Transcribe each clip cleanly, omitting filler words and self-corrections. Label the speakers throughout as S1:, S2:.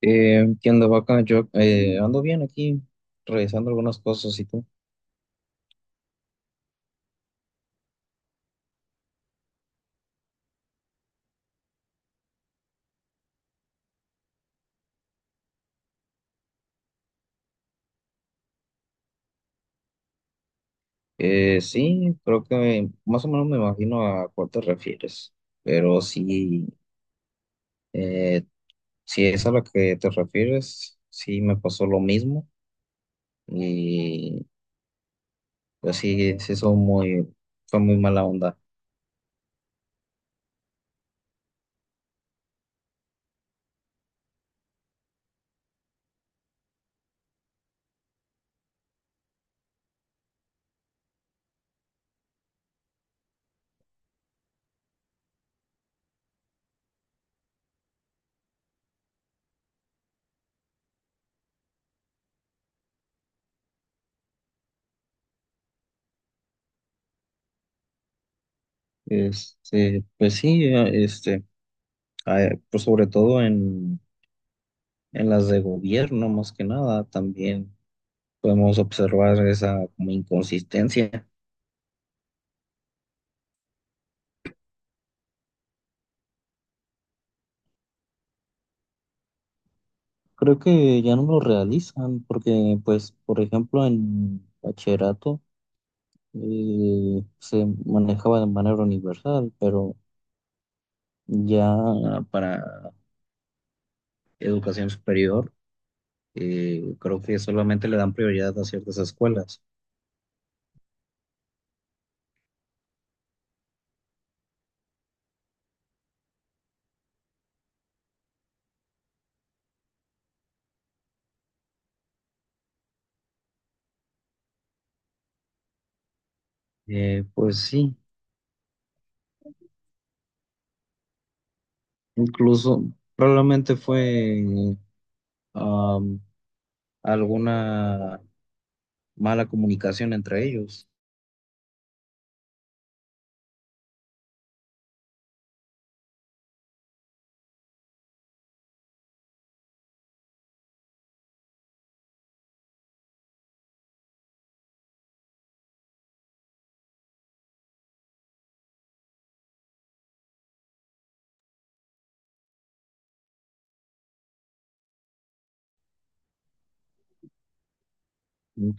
S1: ¿Qué onda, vaca? Yo ando bien aquí, revisando algunas cosas. ¿Y tú? Sí, creo que más o menos me imagino a cuál te refieres, pero sí, eh, si es a lo que te refieres, sí me pasó lo mismo y pues sí, son muy mala onda. Pues sí, pues sobre todo en las de gobierno más que nada, también podemos observar esa como inconsistencia. Creo que ya no me lo realizan porque, pues, por ejemplo, en bachillerato se manejaba de manera universal, pero ya para educación superior, creo que solamente le dan prioridad a ciertas escuelas. Pues sí, incluso probablemente fue am, alguna mala comunicación entre ellos.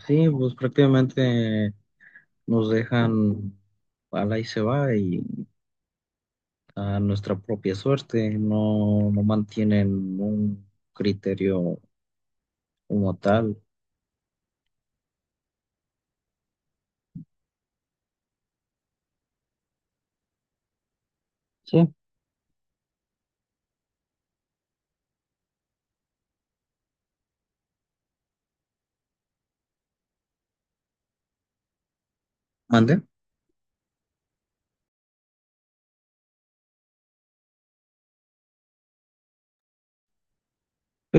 S1: Sí, pues prácticamente nos dejan... Ala y se va y a nuestra propia suerte, no, no mantienen un criterio como tal. Sí. ¿Mande?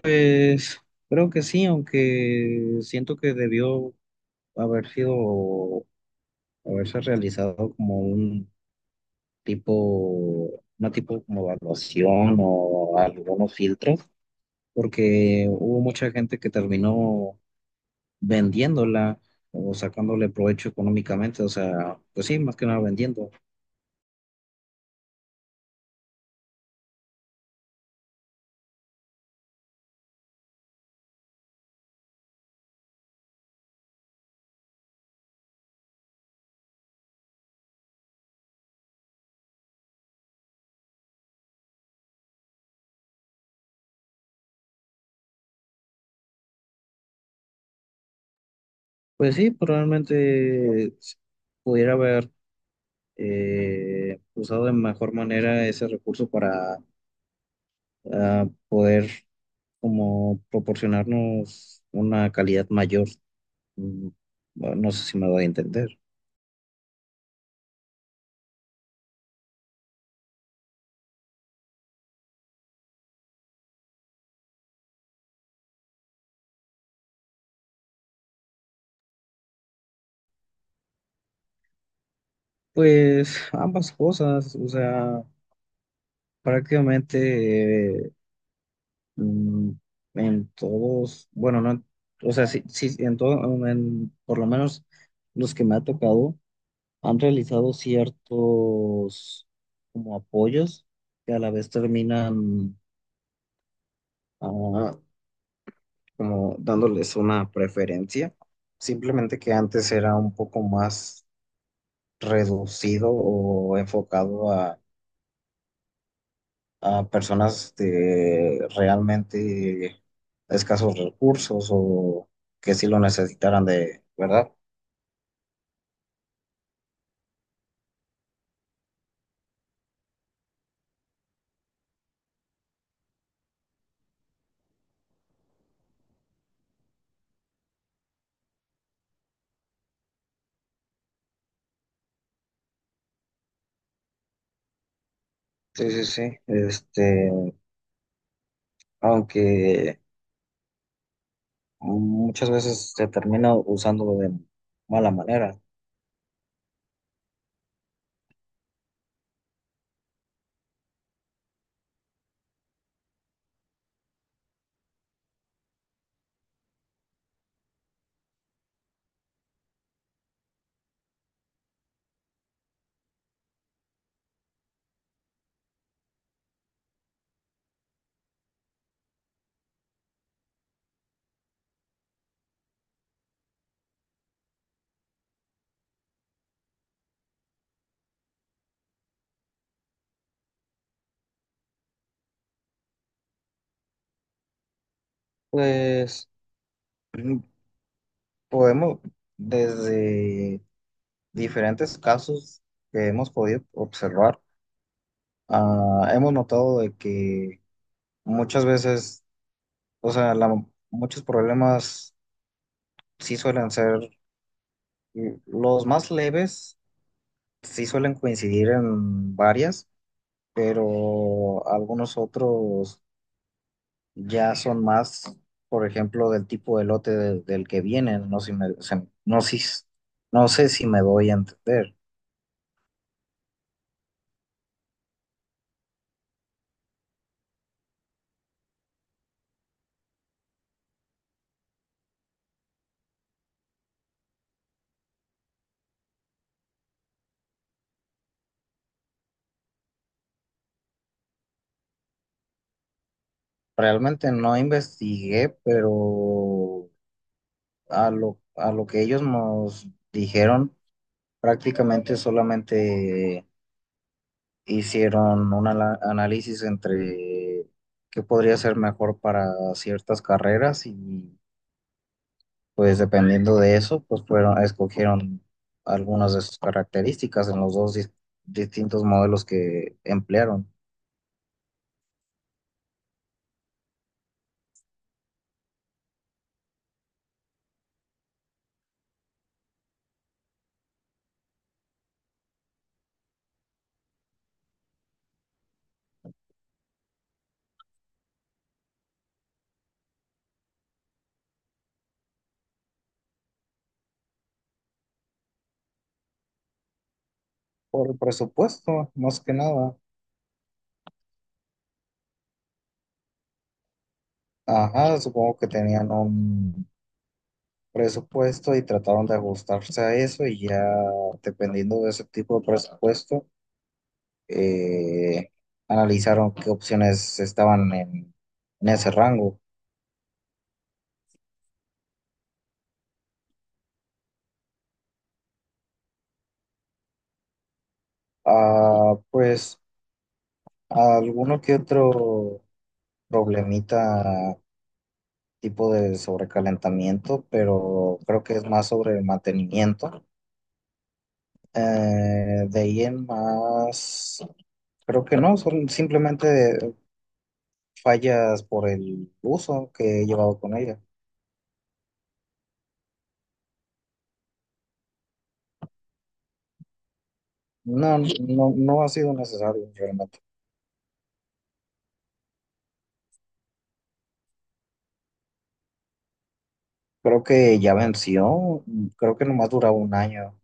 S1: Pues creo que sí, aunque siento que haber sido, haberse realizado como un tipo, una tipo como evaluación o algunos filtros, porque hubo mucha gente que terminó vendiéndola o sacándole provecho económicamente, o sea, pues sí, más que nada vendiendo. Pues sí, probablemente pudiera haber usado de mejor manera ese recurso para, poder como proporcionarnos una calidad mayor. Mm, bueno, no sé si me voy a entender. Pues ambas cosas, o sea, prácticamente, mm, en todos, bueno, no, o sea, sí, sí, en todo, en, por lo menos los que me ha tocado han realizado ciertos como apoyos que a la vez terminan, ah, como dándoles una preferencia, simplemente que antes era un poco más reducido o enfocado a personas de realmente escasos recursos o que sí lo necesitaran, de, ¿verdad? Sí, sí, sí. Este, aunque muchas veces se termina usando de mala manera. Pues mm, podemos, desde diferentes casos que hemos podido observar, hemos notado de que muchas veces, o sea, muchos problemas sí suelen ser, mm, los más leves, sí suelen coincidir en varias, pero algunos otros ya son más, por ejemplo, del tipo de del que vienen, no, no, si, no sé si me doy a entender. Realmente no investigué, pero a lo que ellos nos dijeron, prácticamente solamente hicieron un análisis entre qué podría ser mejor para ciertas carreras, y pues dependiendo de eso, pues fueron, escogieron algunas de sus características en los dos distintos modelos que emplearon. Por el presupuesto, más que nada. Ajá, supongo que tenían un presupuesto y trataron de ajustarse a eso, y ya dependiendo de ese tipo de presupuesto, eh, analizaron qué opciones estaban en ese rango. Ah, pues alguno que otro problemita tipo de sobrecalentamiento, pero creo que es más sobre el mantenimiento. De ahí en más, creo que no, son simplemente fallas por el uso que he llevado con ella. No, no, no ha sido necesario realmente. Creo que ya venció, creo que nomás duraba un año.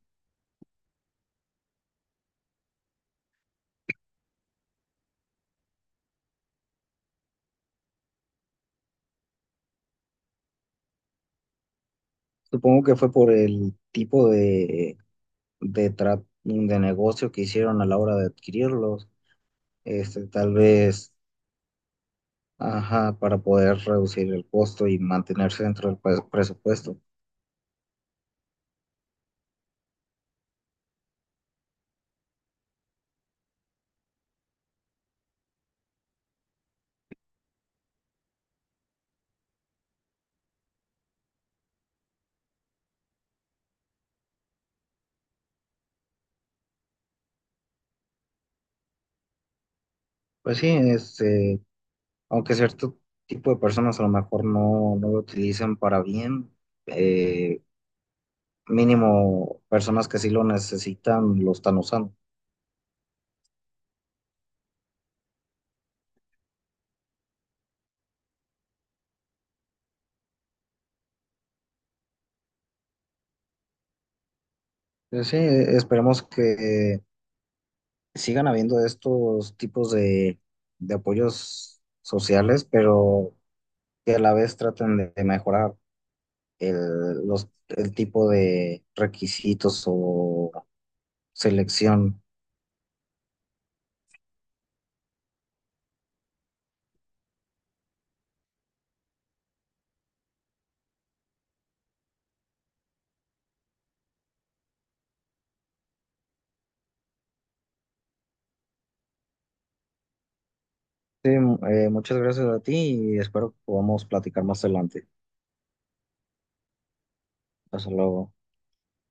S1: Supongo que fue por el tipo de, de negocio que hicieron a la hora de adquirirlos. Este, tal vez. Ajá, para poder reducir el costo y mantenerse dentro del presupuesto. Pues sí, este, aunque cierto tipo de personas a lo mejor no no lo utilizan para bien, eh, mínimo personas que sí lo necesitan lo están usando. Pues sí, esperemos que sigan habiendo estos tipos de apoyos sociales, pero que a la vez traten de mejorar el, los, el tipo de requisitos o selección. Sí, muchas gracias a ti y espero que podamos platicar más adelante. Hasta luego.